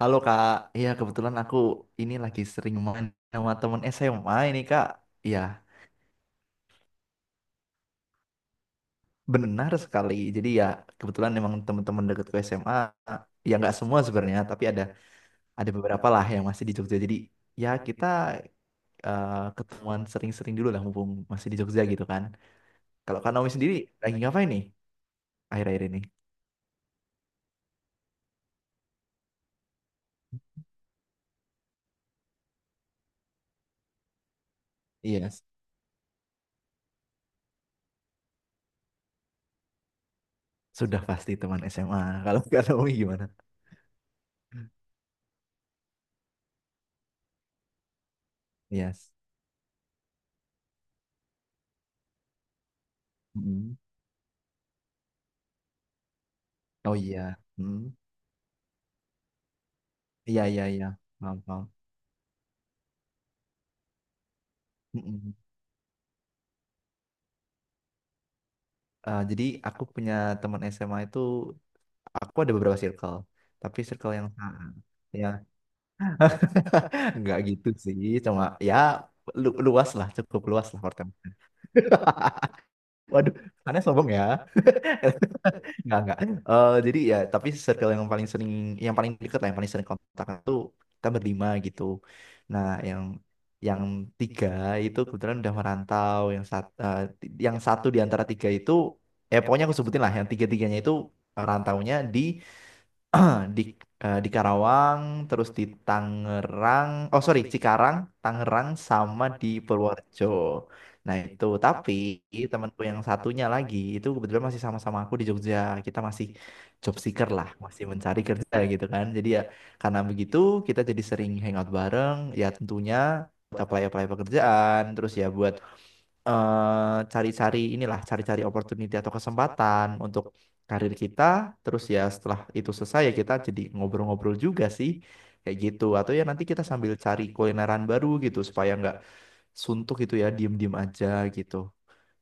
Halo Kak, iya kebetulan aku ini lagi sering main sama temen SMA ini Kak. Iya, benar sekali. Jadi ya kebetulan memang teman-teman dekatku SMA, ya nggak semua sebenarnya, tapi ada beberapa lah yang masih di Jogja. Jadi ya kita eh, ketemuan sering-sering dulu lah mumpung masih di Jogja gitu kan. Kalau Kak Naomi sendiri lagi ngapain nih akhir-akhir ini? Iya, sudah pasti teman SMA. Kalau Kak Naomi gimana? Yes. Mm. Oh iya. Mm. Iya, iya, iya. Paham, paham. Mm-mm. Jadi aku punya teman SMA itu, aku ada beberapa circle, tapi circle yang sama. Ya, nggak gitu sih, cuma ya luas lah, cukup luas lah Hortem. Waduh, aneh sombong ya. Nggak, nggak. Eh, jadi ya, tapi circle yang paling sering, yang paling dekat lah, yang paling sering kontak tuh kita berlima gitu. Nah, yang tiga itu kebetulan udah merantau, yang satu di antara tiga itu, eh pokoknya aku sebutin lah, yang tiga-tiganya itu rantaunya di di di Karawang, terus di Tangerang, oh sorry Cikarang, Tangerang sama di Purworejo. Nah itu, tapi temanku yang satunya lagi itu kebetulan masih sama-sama aku di Jogja. Kita masih job seeker lah, masih mencari kerja gitu kan. Jadi ya karena begitu kita jadi sering hangout bareng. Ya tentunya buat apply-apply pekerjaan, terus ya buat cari-cari inilah, cari-cari opportunity atau kesempatan untuk karir kita. Terus ya setelah itu selesai ya kita jadi ngobrol-ngobrol juga sih kayak gitu. Atau ya nanti kita sambil cari kulineran baru gitu supaya nggak suntuk gitu ya, diem-diem aja gitu.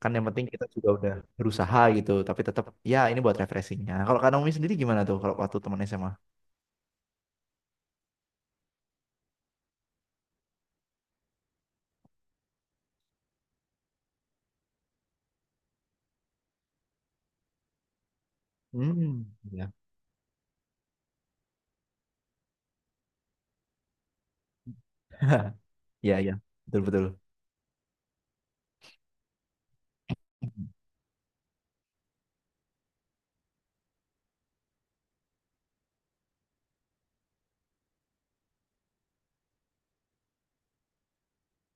Kan yang penting kita juga udah berusaha gitu, tapi tetap ya ini buat refreshingnya. Kalau Kak Naomi sendiri gimana tuh kalau waktu teman SMA? Hmm, ya. Ya, iya. Betul, betul.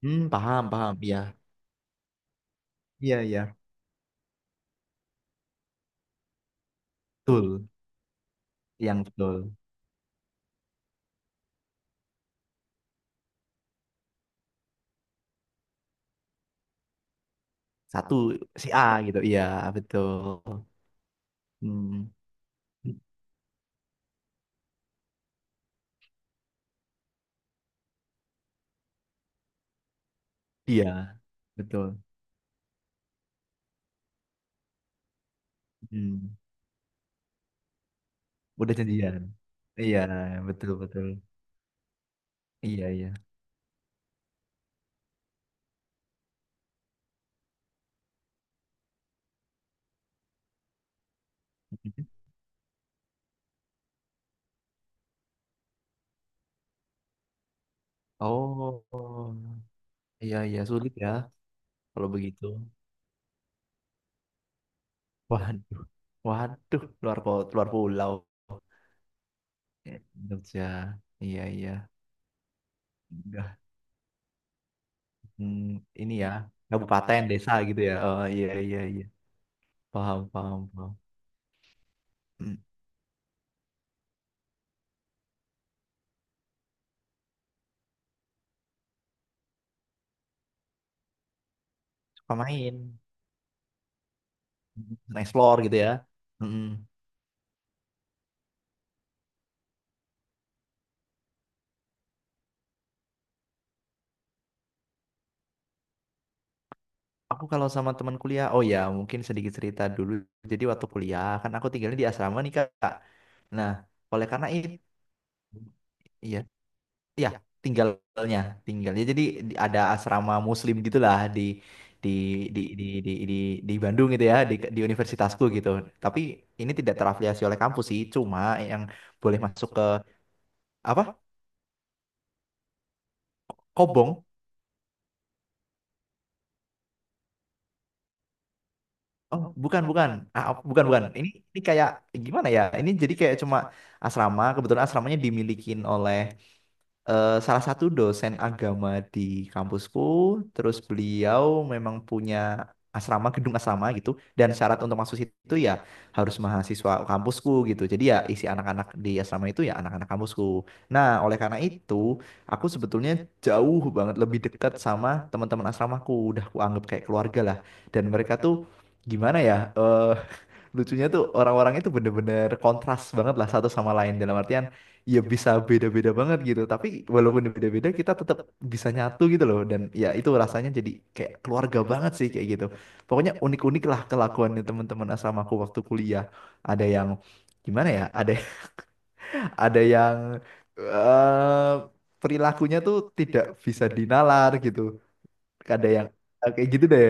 Hmm, paham, paham. Iya, iya, iya, betul. Yang betul. Satu si A gitu. Iya, betul. Hmm. Iya, betul. Hmm. Udah janjian. Iya, betul betul. Iya, iya. Oh, iya iya sulit ya kalau begitu. Waduh. Waduh, luar pulau. Eh, Jogja. Iya, iya. Udah. Hmm, ini ya, kabupaten, desa gitu ya. Oh, iya, iya, iya. Paham, paham, paham. Hmm, suka main. Hmm, explore gitu ya. Mm-mm. Aku kalau sama teman kuliah, oh ya mungkin sedikit cerita dulu. Jadi waktu kuliah kan aku tinggalnya di asrama nih Kak. Nah, oleh karena itu, iya, iya tinggalnya, tinggalnya. Jadi ada asrama Muslim gitulah di di di di di, di Bandung gitu ya, di universitasku gitu. Tapi ini tidak terafiliasi oleh kampus sih, cuma yang boleh masuk ke apa? Kobong. Oh, bukan, bukan. Ah, oh, bukan, bukan. Ini kayak gimana ya? Ini jadi kayak cuma asrama, kebetulan asramanya dimilikin oleh salah satu dosen agama di kampusku, terus beliau memang punya asrama, gedung asrama gitu, dan syarat untuk masuk situ ya harus mahasiswa kampusku gitu. Jadi ya isi anak-anak di asrama itu ya anak-anak kampusku. Nah, oleh karena itu, aku sebetulnya jauh banget lebih dekat sama teman-teman asramaku, udah aku anggap kayak keluarga lah. Dan mereka tuh gimana ya? Eh, lucunya tuh orang-orang itu bener-bener kontras banget lah satu sama lain, dalam artian ya bisa beda-beda banget gitu, tapi walaupun beda-beda kita tetap bisa nyatu gitu loh, dan ya itu rasanya jadi kayak keluarga banget sih kayak gitu. Pokoknya unik-unik lah kelakuannya teman-teman asramaku waktu kuliah. Ada yang gimana ya, ada ada yang eh perilakunya tuh tidak bisa dinalar gitu, ada yang kayak gitu deh.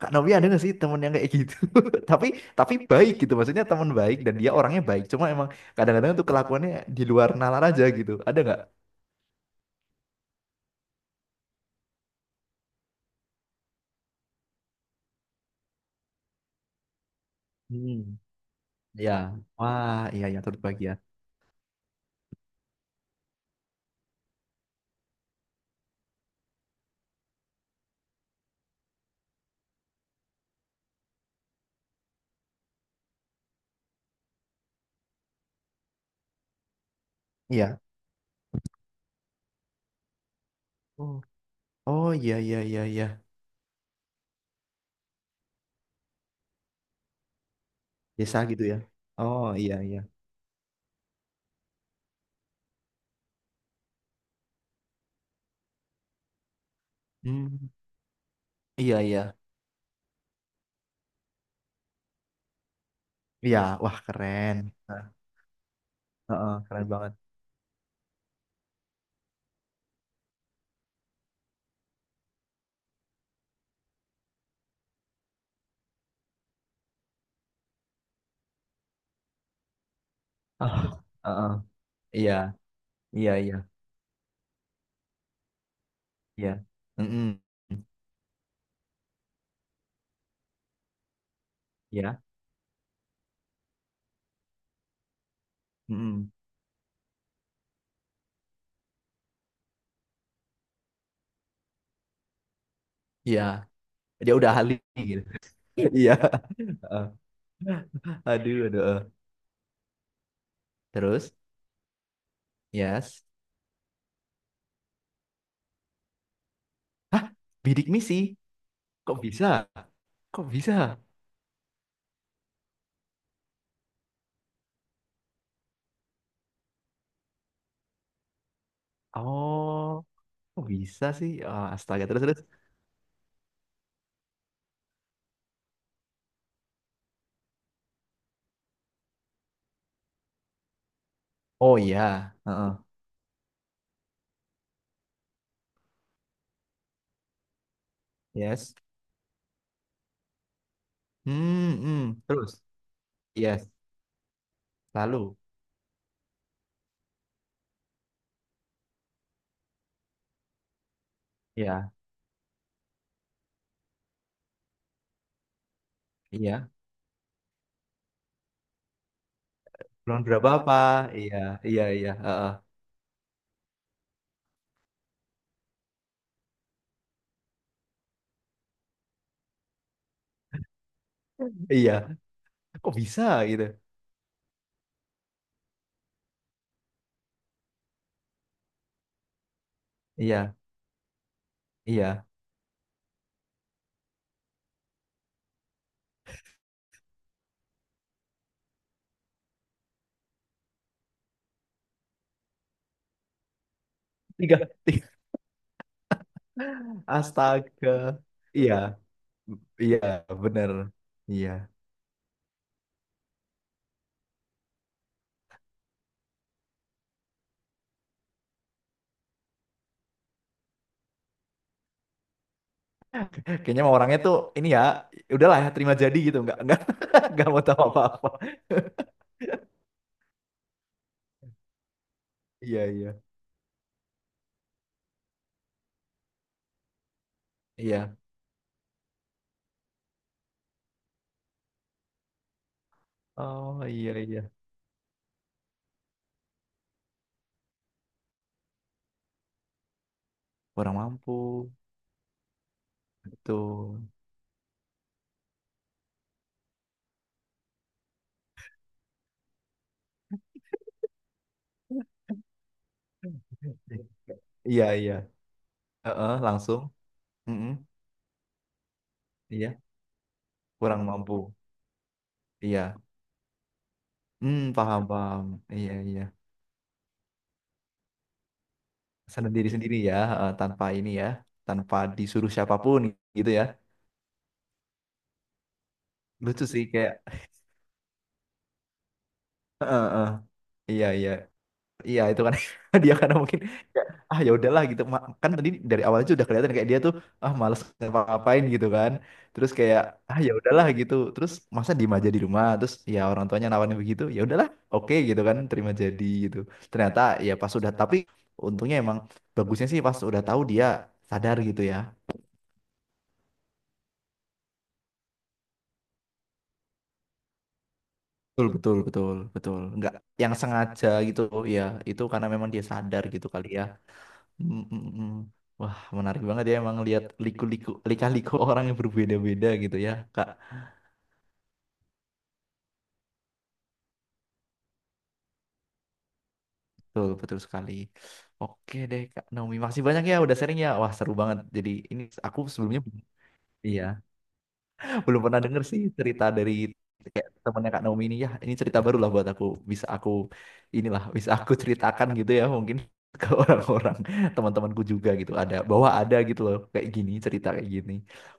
Kak Novi ada nggak sih temen yang kayak gitu? tapi tapi baik gitu, maksudnya temen baik dan dia orangnya baik, cuma emang kadang-kadang tuh kelakuannya di luar nalar aja gitu. Ada nggak? Hmm, ya. Wah, iya iya turut bahagia. Iya. Oh, oh iya iya iya iya. Desa gitu ya. Oh iya iya. Hmm, iya iya. Iya wah keren. Nah, heeh, keren banget. Ah, heeh. Iya iya iya iya. Mm-mm. Ya, mm-mm. Iya. Dia udah ahli gitu. Iya. Aduh, aduh, eh. Terus, yes. Hah, bidik misi. Kok bisa? Kok bisa? Oh, kok bisa sih? Ah, astaga, terus terus. Oh iya. Heeh. Yes. Hmm, hmm. Terus. Yes. Lalu. Iya, iya. Bulan berapa apa? Iya, iya, iya. Heeh. Iya. Kok bisa gitu? Iya, iya. Tiga, tiga. Astaga. Iya, iya, bener. Iya. Kayaknya mah orangnya tuh ini ya, udahlah ya terima jadi gitu, nggak nggak mau tahu apa-apa. Iya iya iya. Oh iya iya. Kurang mampu itu. Iya iya. Heeh, langsung. Mm-mm. Iya. Kurang mampu. Iya. Hmm paham paham. Iya iya. Sendiri sendiri ya, heeh, tanpa ini ya, tanpa disuruh siapapun gitu ya. Lucu sih kayak. Heeh, heeh. Iya iya. Iya itu kan dia karena mungkin ya, ah ya udahlah gitu. Kan tadi dari awal aja udah kelihatan kayak dia tuh ah males ngapa-ngapain gitu kan, terus kayak ah ya udahlah gitu, terus masa diem aja di rumah, terus ya orang tuanya nawarin begitu ya udahlah oke gitu kan, terima jadi gitu. Ternyata ya pas udah, tapi untungnya emang bagusnya sih pas udah tahu dia sadar gitu ya. Betul betul betul betul, nggak yang sengaja gitu ya. Itu karena memang dia sadar gitu kali ya. Mm, mm, mm. Wah, menarik banget ya emang lihat liku-liku, lika-liku orang yang berbeda-beda gitu ya, Kak. Betul, betul sekali. Oke deh, Kak Naomi. Makasih banyak ya udah sharing ya. Wah, seru banget. Jadi ini aku sebelumnya iya, belum pernah denger sih cerita dari kayak temannya Kak Naomi ini ya. Ini cerita baru lah buat aku. Bisa aku bisa aku ceritakan gitu ya mungkin ke orang-orang teman-temanku juga gitu. Ada bahwa ada gitu loh kayak gini cerita kayak gini.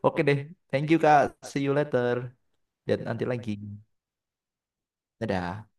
Oke deh. Thank you, Kak. See you later. Dan nanti lagi. Dadah.